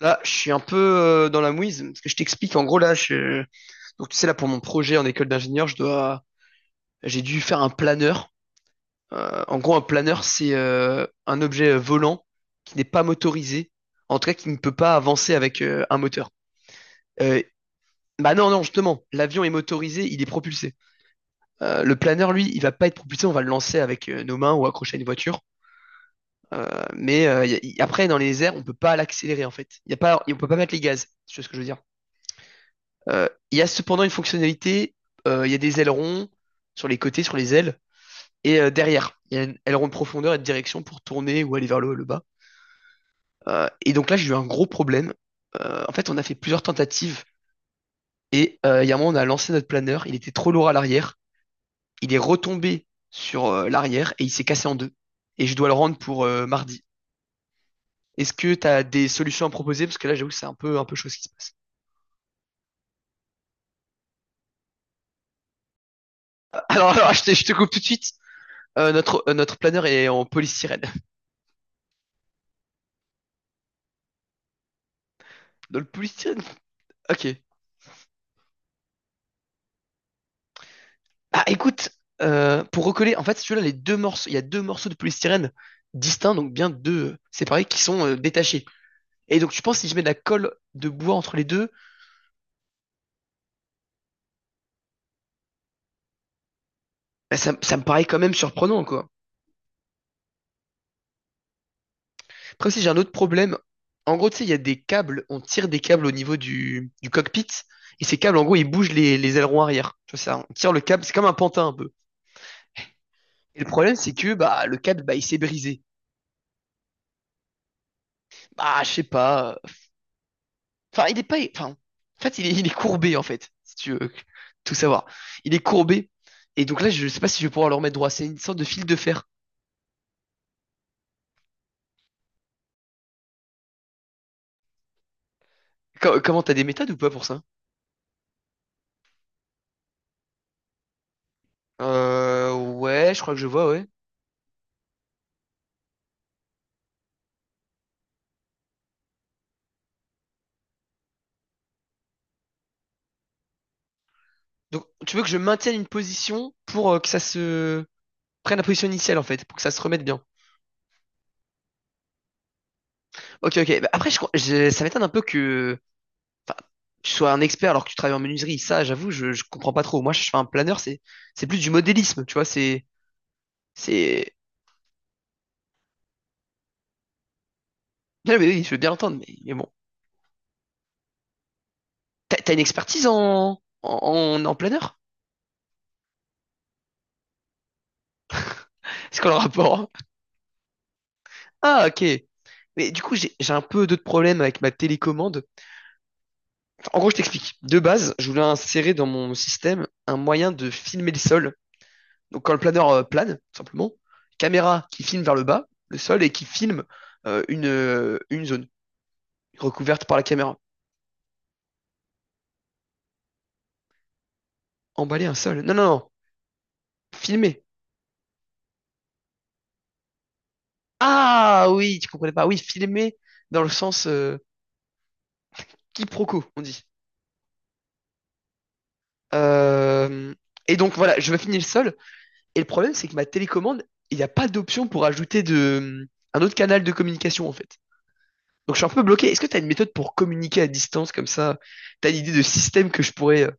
Là, je suis un peu dans la mouise, parce que je t'explique, en gros, là, donc tu sais, là, pour mon projet en école d'ingénieur, j'ai dû faire un planeur. En gros, un planeur, c'est un objet volant qui n'est pas motorisé, en tout cas, qui ne peut pas avancer avec un moteur. Euh, bah non, non, justement, l'avion est motorisé, il est propulsé. Le planeur, lui, il va pas être propulsé, on va le lancer avec nos mains ou accrocher à une voiture. Euh, mais après, dans les airs, on peut pas l'accélérer, en fait. Y a pas... On peut pas mettre les gaz, c'est ce que je veux dire. Il y a cependant une fonctionnalité. Il y a des ailerons sur les côtés, sur les ailes, et derrière, il y a un aileron de profondeur et de direction pour tourner ou aller vers le haut et le bas. Et donc là, j'ai eu un gros problème. En fait, on a fait plusieurs tentatives, et il y a un moment, on a lancé notre planeur, il était trop lourd à l'arrière, il est retombé sur l'arrière, et il s'est cassé en deux, et je dois le rendre pour mardi. Est-ce que tu as des solutions à proposer? Parce que là, j'avoue que c'est un peu chaud ce qui se passe. Alors, je te coupe tout de suite. Notre planeur est en polystyrène. Dans le polystyrène. Ok. Ah, écoute, pour recoller, en fait, si tu veux, là, les deux morceaux, il y a deux morceaux de polystyrène distincts, donc bien deux séparés, qui sont détachés. Et donc, tu penses, si je mets de la colle de bois entre les deux, bah, ça me paraît quand même surprenant, quoi. Après, si j'ai un autre problème, en gros, tu sais, il y a des câbles, on tire des câbles au niveau du cockpit, et ces câbles, en gros, ils bougent les ailerons arrière. Tu vois, ça, on tire le câble, c'est comme un pantin un peu. Et le problème, c'est que bah, le câble, bah, il s'est brisé. Bah, je sais pas. Enfin, il est pas. Enfin, en fait, il est courbé, en fait, si tu veux tout savoir. Il est courbé. Et donc là, je sais pas si je vais pouvoir le remettre droit. C'est une sorte de fil de fer. Comment t'as des méthodes ou pas pour ça? Ouais, je crois que je vois, ouais. Donc, tu veux que je maintienne une position pour que ça se prenne la position initiale, en fait, pour que ça se remette bien. Ok, ok. Bah, après, ça m'étonne un peu que enfin, tu sois un expert alors que tu travailles en menuiserie. Ça, j'avoue, je comprends pas trop. Moi, je fais un planeur, c'est plus du modélisme, tu vois. C'est c'est. Non, mais oui, je veux bien l'entendre, mais bon. T'as une expertise en planeur? C'est quoi le rapport? Hein. Ah, ok. Mais du coup, j'ai un peu d'autres problèmes avec ma télécommande. Enfin, en gros, je t'explique. De base, je voulais insérer dans mon système un moyen de filmer le sol. Donc, quand le planeur plane, tout simplement, caméra qui filme vers le bas, le sol, et qui filme une zone recouverte par la caméra. Emballer un sol. Non, non, non. Filmer. Ah oui, tu comprenais pas. Oui, filmer dans le sens quiproquo, on dit. Euh, et donc voilà, je vais finir seul. Et le problème, c'est que ma télécommande, il n'y a pas d'option pour ajouter un autre canal de communication en fait. Donc je suis un peu bloqué. Est-ce que tu as une méthode pour communiquer à distance comme ça? T'as une idée de système que je pourrais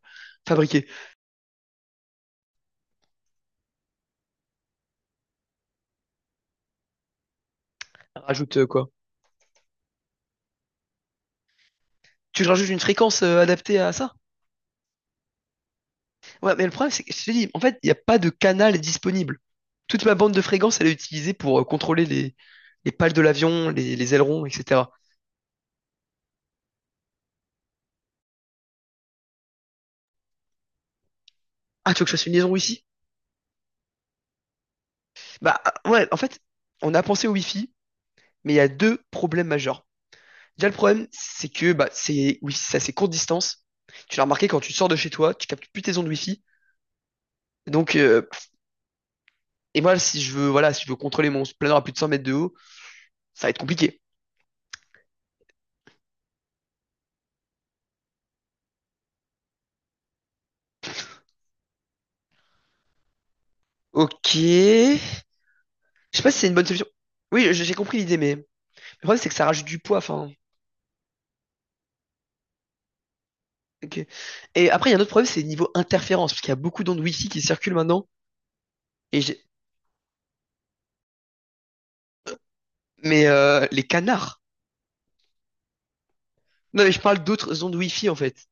fabriquer? Rajoute quoi? Tu rajoutes une fréquence adaptée à ça? Ouais, mais le problème, c'est que je te dis, en fait, il n'y a pas de canal disponible. Toute ma bande de fréquences, elle est utilisée pour contrôler les pales de l'avion, les ailerons, etc. Ah, tu veux que je fasse une liaison Wi-Fi? Bah ouais, en fait, on a pensé au Wi-Fi, mais il y a deux problèmes majeurs. Déjà, le problème, c'est que bah, c'est oui, c'est assez courte distance. Tu l'as remarqué quand tu sors de chez toi, tu captes plus tes ondes Wi-Fi. Donc, et moi, si je veux contrôler mon planeur à plus de 100 mètres de haut, ça va être compliqué. Ok. Je sais pas si c'est une bonne solution. Oui, j'ai compris l'idée, mais le problème, c'est que ça rajoute du poids. Enfin, ok. Et après, il y a un autre problème, c'est niveau interférence, parce qu'il y a beaucoup d'ondes Wi-Fi qui circulent maintenant. Et j'ai- mais les canards. Non, mais je parle d'autres ondes Wi-Fi en fait,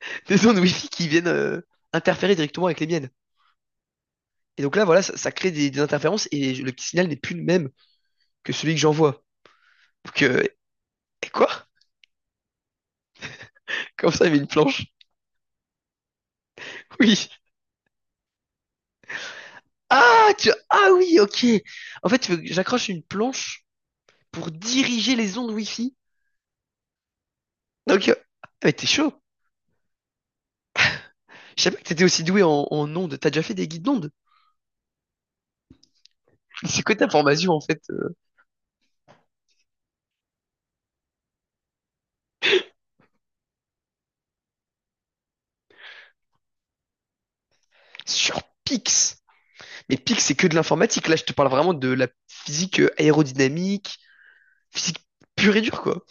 des ondes Wi-Fi qui viennent interférer directement avec les miennes. Et donc là, voilà, ça crée des interférences et le petit signal n'est plus le même que celui que j'envoie. Donc, et quoi? Comme ça, il y avait une planche. Oui. Ah, ah oui, ok. En fait, tu veux que j'accroche une planche pour diriger les ondes Wi-Fi. Donc, ah, mais t'es chaud. Je savais pas que t'étais aussi doué en ondes. T'as déjà fait des guides d'ondes. C'est quoi ta formation, en fait, sur Pix? Mais Pix, c'est que de l'informatique. Là, je te parle vraiment de la physique aérodynamique, physique pure et dure, quoi.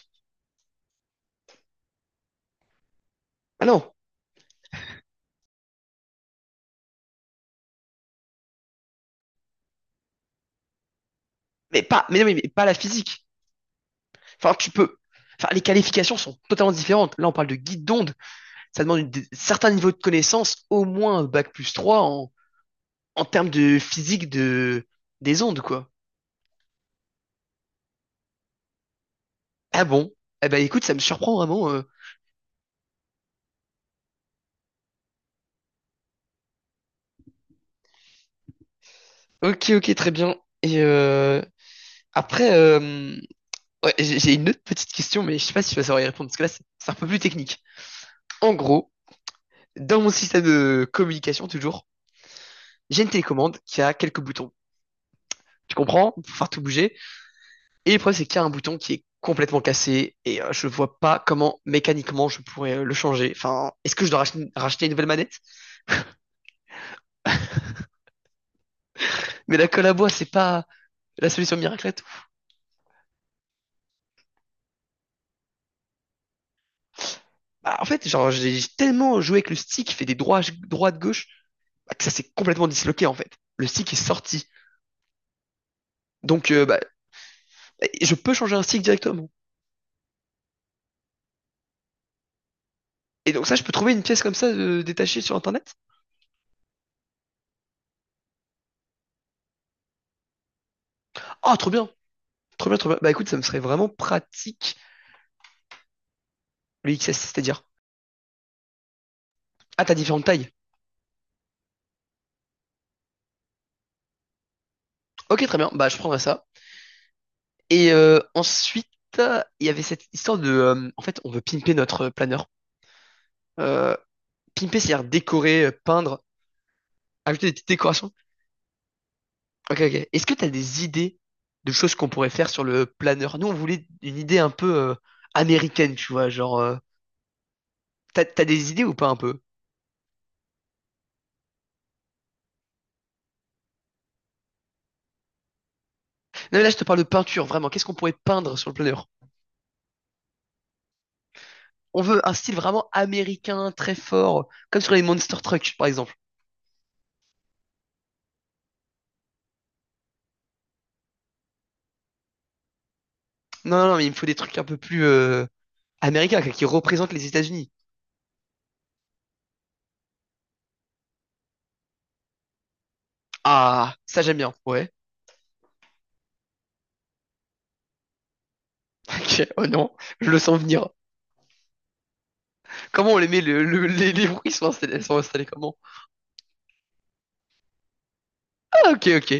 Ah non, mais pas, mais non, mais pas la physique. Enfin, tu peux. Enfin, les qualifications sont totalement différentes. Là, on parle de guide d'onde. Ça demande certains niveaux de connaissances, au moins bac+3 en termes de physique des ondes, quoi. Ah bon? Eh ben, écoute, ça me surprend vraiment. Ok, ok, très bien. Et après, ouais, j'ai une autre petite question, mais je sais pas si tu vas savoir y répondre, parce que là, c'est un peu plus technique. En gros, dans mon système de communication, toujours, j'ai une télécommande qui a quelques boutons. Tu comprends? Pour faire tout bouger. Et le problème, c'est qu'il y a un bouton qui est complètement cassé et je vois pas comment mécaniquement je pourrais le changer. Enfin, est-ce que je dois racheter une nouvelle manette? Mais la colle à bois, c'est pas la solution miracle à tout. Bah, en fait, genre, j'ai tellement joué avec le stick qui fait droite, gauche, bah, que ça s'est complètement disloqué, en fait. Le stick est sorti. Donc, bah, je peux changer un stick directement. Et donc ça, je peux trouver une pièce comme ça détachée sur Internet? Ah, trop bien, trop bien, trop bien. Bah écoute, ça me serait vraiment pratique, le XS, c'est-à-dire. Ah, t'as différentes tailles. Ok, très bien, bah je prendrai ça. Et ensuite, il y avait cette histoire en fait, on veut pimper notre planeur. Euh, pimper, c'est-à-dire décorer, peindre, ajouter des petites décorations. Ok, ok. Est-ce que tu as des idées de choses qu'on pourrait faire sur le planeur? Nous, on voulait une idée un peu américaine, tu vois. T'as des idées ou pas un peu? Non, mais là, je te parle de peinture, vraiment. Qu'est-ce qu'on pourrait peindre sur le planeur? On veut un style vraiment américain, très fort, comme sur les Monster Trucks, par exemple. Non, non, mais il me faut des trucs un peu plus américains, quoi, qui représentent les États-Unis. Ah, ça j'aime bien. Ouais. Ok. Oh non, je le sens venir. Comment on les met les bruits sont installés comment? Ah, ok, ok.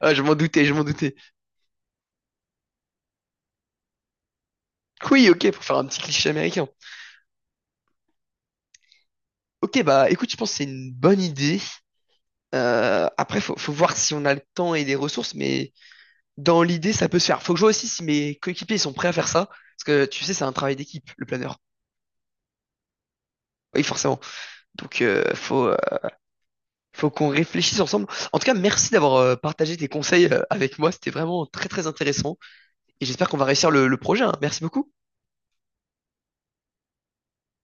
Ah, je m'en doutais, je m'en doutais. Oui, ok, pour faire un petit cliché américain. Ok, bah écoute, je pense que c'est une bonne idée. Après faut voir si on a le temps et les ressources mais dans l'idée ça peut se faire. Faut que je vois aussi si mes coéquipiers sont prêts à faire ça parce que tu sais c'est un travail d'équipe le planeur. Oui, forcément. Donc faut qu'on réfléchisse ensemble. En tout cas merci d'avoir partagé tes conseils avec moi c'était vraiment très très intéressant. Et j'espère qu'on va réussir le projet. Hein. Merci beaucoup.